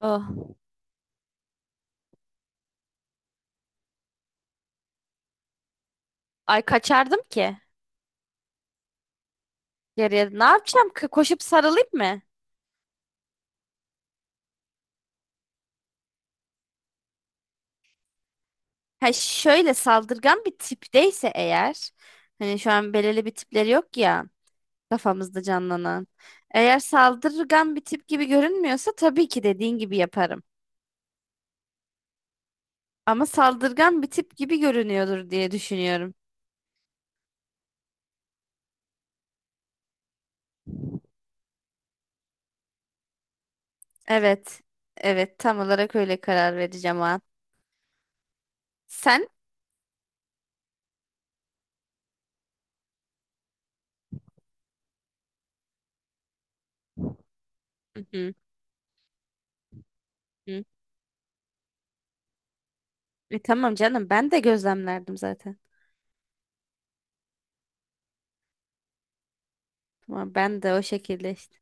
Oh. Ay kaçardım ki. Geriye ne yapacağım? Koşup sarılayım mı? Ha şöyle saldırgan bir tipteyse eğer. Hani şu an belirli bir tipleri yok ya. Kafamızda canlanan. Eğer saldırgan bir tip gibi görünmüyorsa tabii ki dediğin gibi yaparım. Ama saldırgan bir tip gibi görünüyordur diye düşünüyorum. Evet. Evet, tam olarak öyle karar vereceğim o an. Sen? Hı hı, hı. Tamam canım, ben de gözlemlerdim zaten. Tamam, ben de o şekilde işte.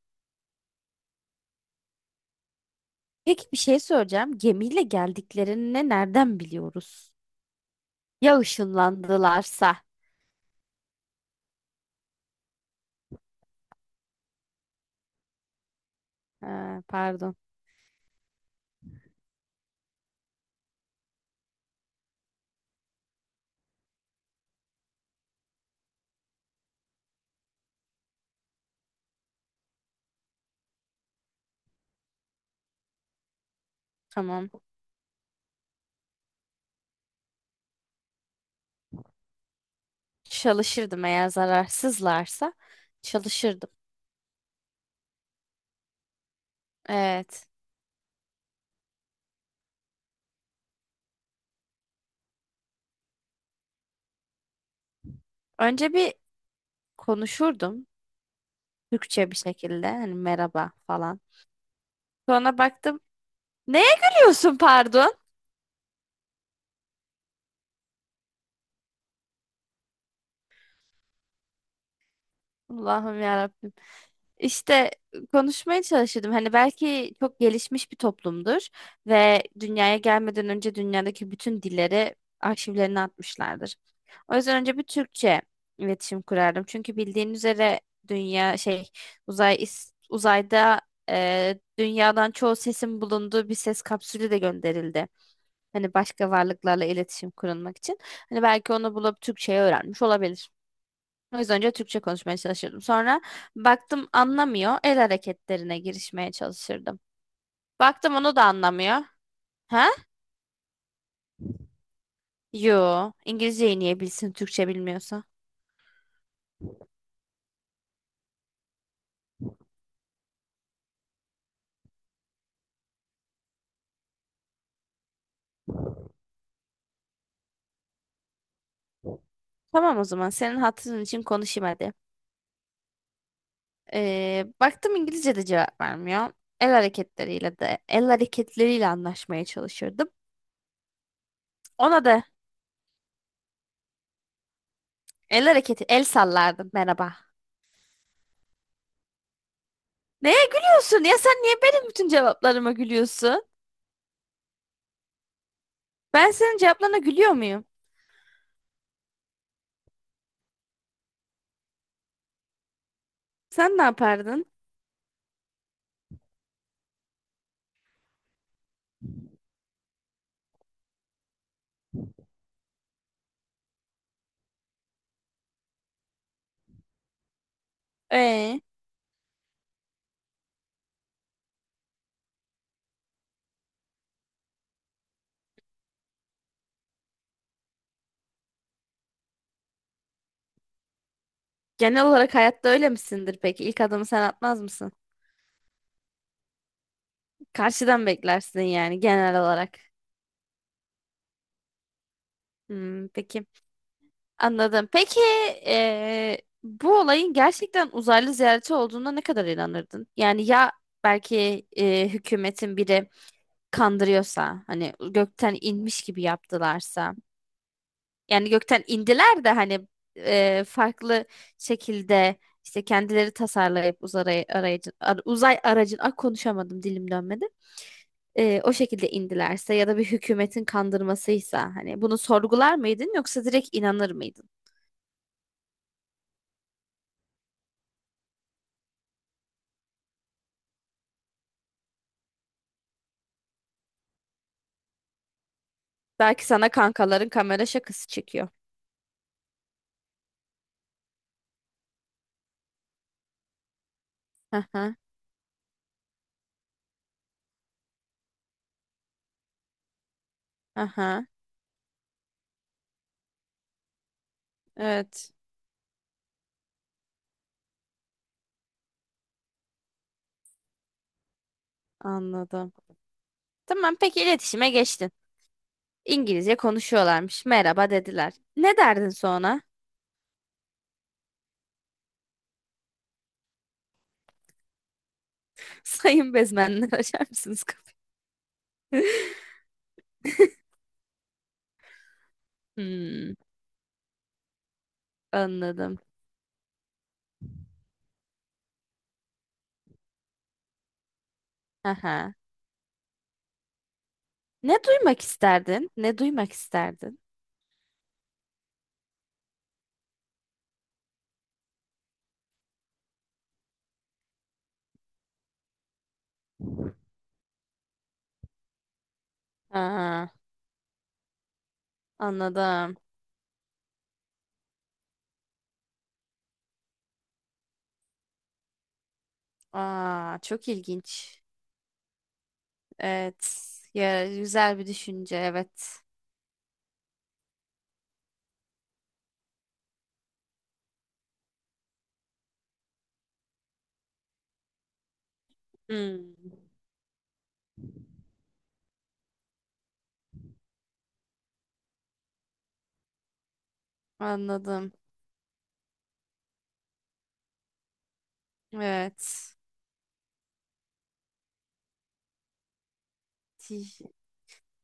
Peki, bir şey soracağım. Gemiyle geldiklerini nereden biliyoruz? Ya ışınlandılarsa? Ha, pardon. Tamam. Çalışırdım, eğer zararsızlarsa çalışırdım. Evet. Önce bir konuşurdum Türkçe bir şekilde, hani merhaba falan. Sonra baktım, neye gülüyorsun pardon? Allah'ım ya. İşte konuşmaya çalışırdım. Hani belki çok gelişmiş bir toplumdur ve dünyaya gelmeden önce dünyadaki bütün dilleri arşivlerine atmışlardır. O yüzden önce bir Türkçe iletişim kurardım. Çünkü bildiğin üzere dünya şey, uzayda dünyadan çoğu sesin bulunduğu bir ses kapsülü de gönderildi. Hani başka varlıklarla iletişim kurulmak için. Hani belki onu bulup Türkçe'ye öğrenmiş olabilir. O yüzden önce Türkçe konuşmaya çalışırdım. Sonra baktım anlamıyor. El hareketlerine girişmeye çalışırdım. Baktım onu da anlamıyor. Ha? Yo. İngilizceyi niye bilsin Türkçe bilmiyorsa? Tamam, o zaman senin hatırın için konuşayım hadi. Baktım İngilizce de cevap vermiyor. El hareketleriyle anlaşmaya çalışırdım. Ona da el sallardım, merhaba. Neye gülüyorsun ya, sen niye benim bütün cevaplarıma gülüyorsun? Ben senin cevaplarına gülüyor muyum? Sen ne yapardın? Ee, Genel olarak hayatta öyle misindir peki? İlk adımı sen atmaz mısın? Karşıdan beklersin yani genel olarak. Hmm, peki. Anladım. Peki bu olayın gerçekten uzaylı ziyareti olduğuna ne kadar inanırdın? Yani ya belki hükümetin biri kandırıyorsa, hani gökten inmiş gibi yaptılarsa, yani gökten indiler de hani farklı şekilde işte kendileri tasarlayıp uzay aracın, ah, konuşamadım, dilim dönmedi. O şekilde indilerse ya da bir hükümetin kandırmasıysa, hani bunu sorgular mıydın yoksa direkt inanır mıydın? Belki sana kankaların kamera şakası çekiyor. Aha, aha. Evet, anladım. Tamam, peki iletişime geçtin. İngilizce konuşuyorlarmış. Merhaba dediler. Ne derdin sonra? Sayın bezmenler, açar mısınız kapıyı? Hmm, anladım. Aha. Ne duymak isterdin? Ne duymak isterdin? Aa, anladım. Aa, çok ilginç. Evet. Ya, güzel bir düşünce. Evet. Hmm, anladım. Evet.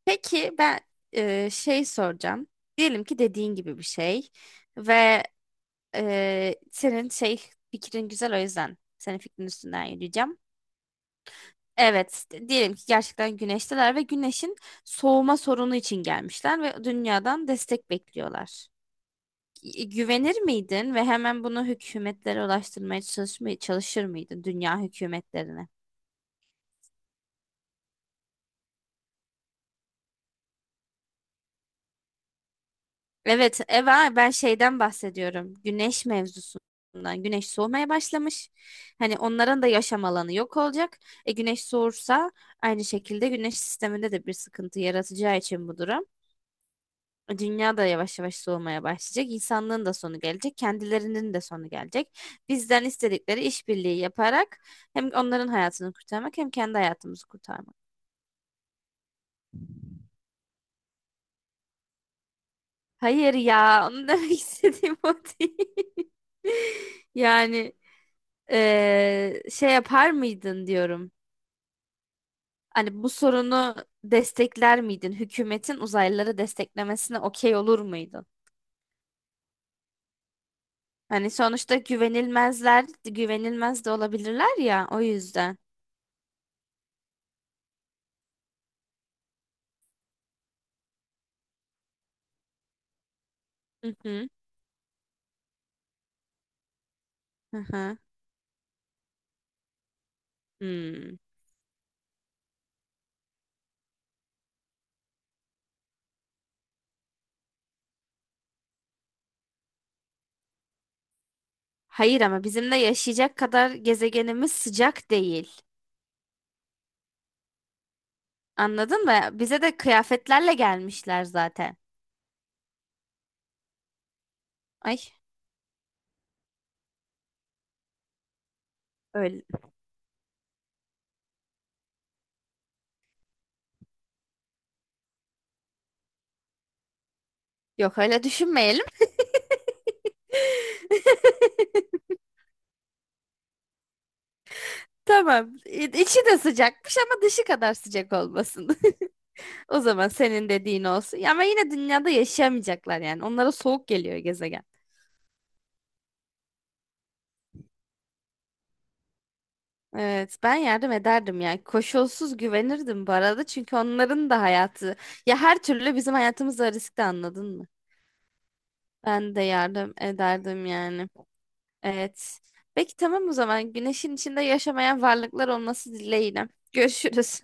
Peki ben şey soracağım. Diyelim ki dediğin gibi bir şey ve senin şey fikrin güzel, o yüzden senin fikrin üstünden yürüyeceğim. Evet, diyelim ki gerçekten güneşteler ve güneşin soğuma sorunu için gelmişler ve dünyadan destek bekliyorlar. Güvenir miydin ve hemen bunu hükümetlere ulaştırmaya çalışmaya çalışır mıydın, dünya hükümetlerine? Evet, Eva, ben şeyden bahsediyorum. Güneş mevzusundan. Güneş soğumaya başlamış. Hani onların da yaşam alanı yok olacak. E güneş soğursa, aynı şekilde güneş sisteminde de bir sıkıntı yaratacağı için bu durum. Dünya da yavaş yavaş soğumaya başlayacak. İnsanlığın da sonu gelecek. Kendilerinin de sonu gelecek. Bizden istedikleri işbirliği yaparak hem onların hayatını kurtarmak hem kendi hayatımızı kurtarmak. Hayır ya, onu demek istediğim o değil. Yani şey yapar mıydın diyorum. Hani bu sorunu destekler miydin? Hükümetin uzaylıları desteklemesine okey olur muydun? Hani sonuçta güvenilmezler, güvenilmez de olabilirler ya, o yüzden. Hı hı. Hı hı. Hmm. Hayır, ama bizimle yaşayacak kadar gezegenimiz sıcak değil. Anladın mı? Bize de kıyafetlerle gelmişler zaten. Ay öyle. Yok, öyle düşünmeyelim. Tamam. İçi de sıcakmış ama dışı kadar sıcak olmasın. O zaman senin dediğin olsun. Ya ama yine dünyada yaşayamayacaklar yani. Onlara soğuk geliyor gezegen. Evet, ben yardım ederdim yani. Koşulsuz güvenirdim bu arada, çünkü onların da hayatı, ya her türlü bizim hayatımızda riskli, anladın mı? Ben de yardım ederdim yani. Evet. Peki tamam, o zaman güneşin içinde yaşamayan varlıklar olması dileğiyle. Görüşürüz.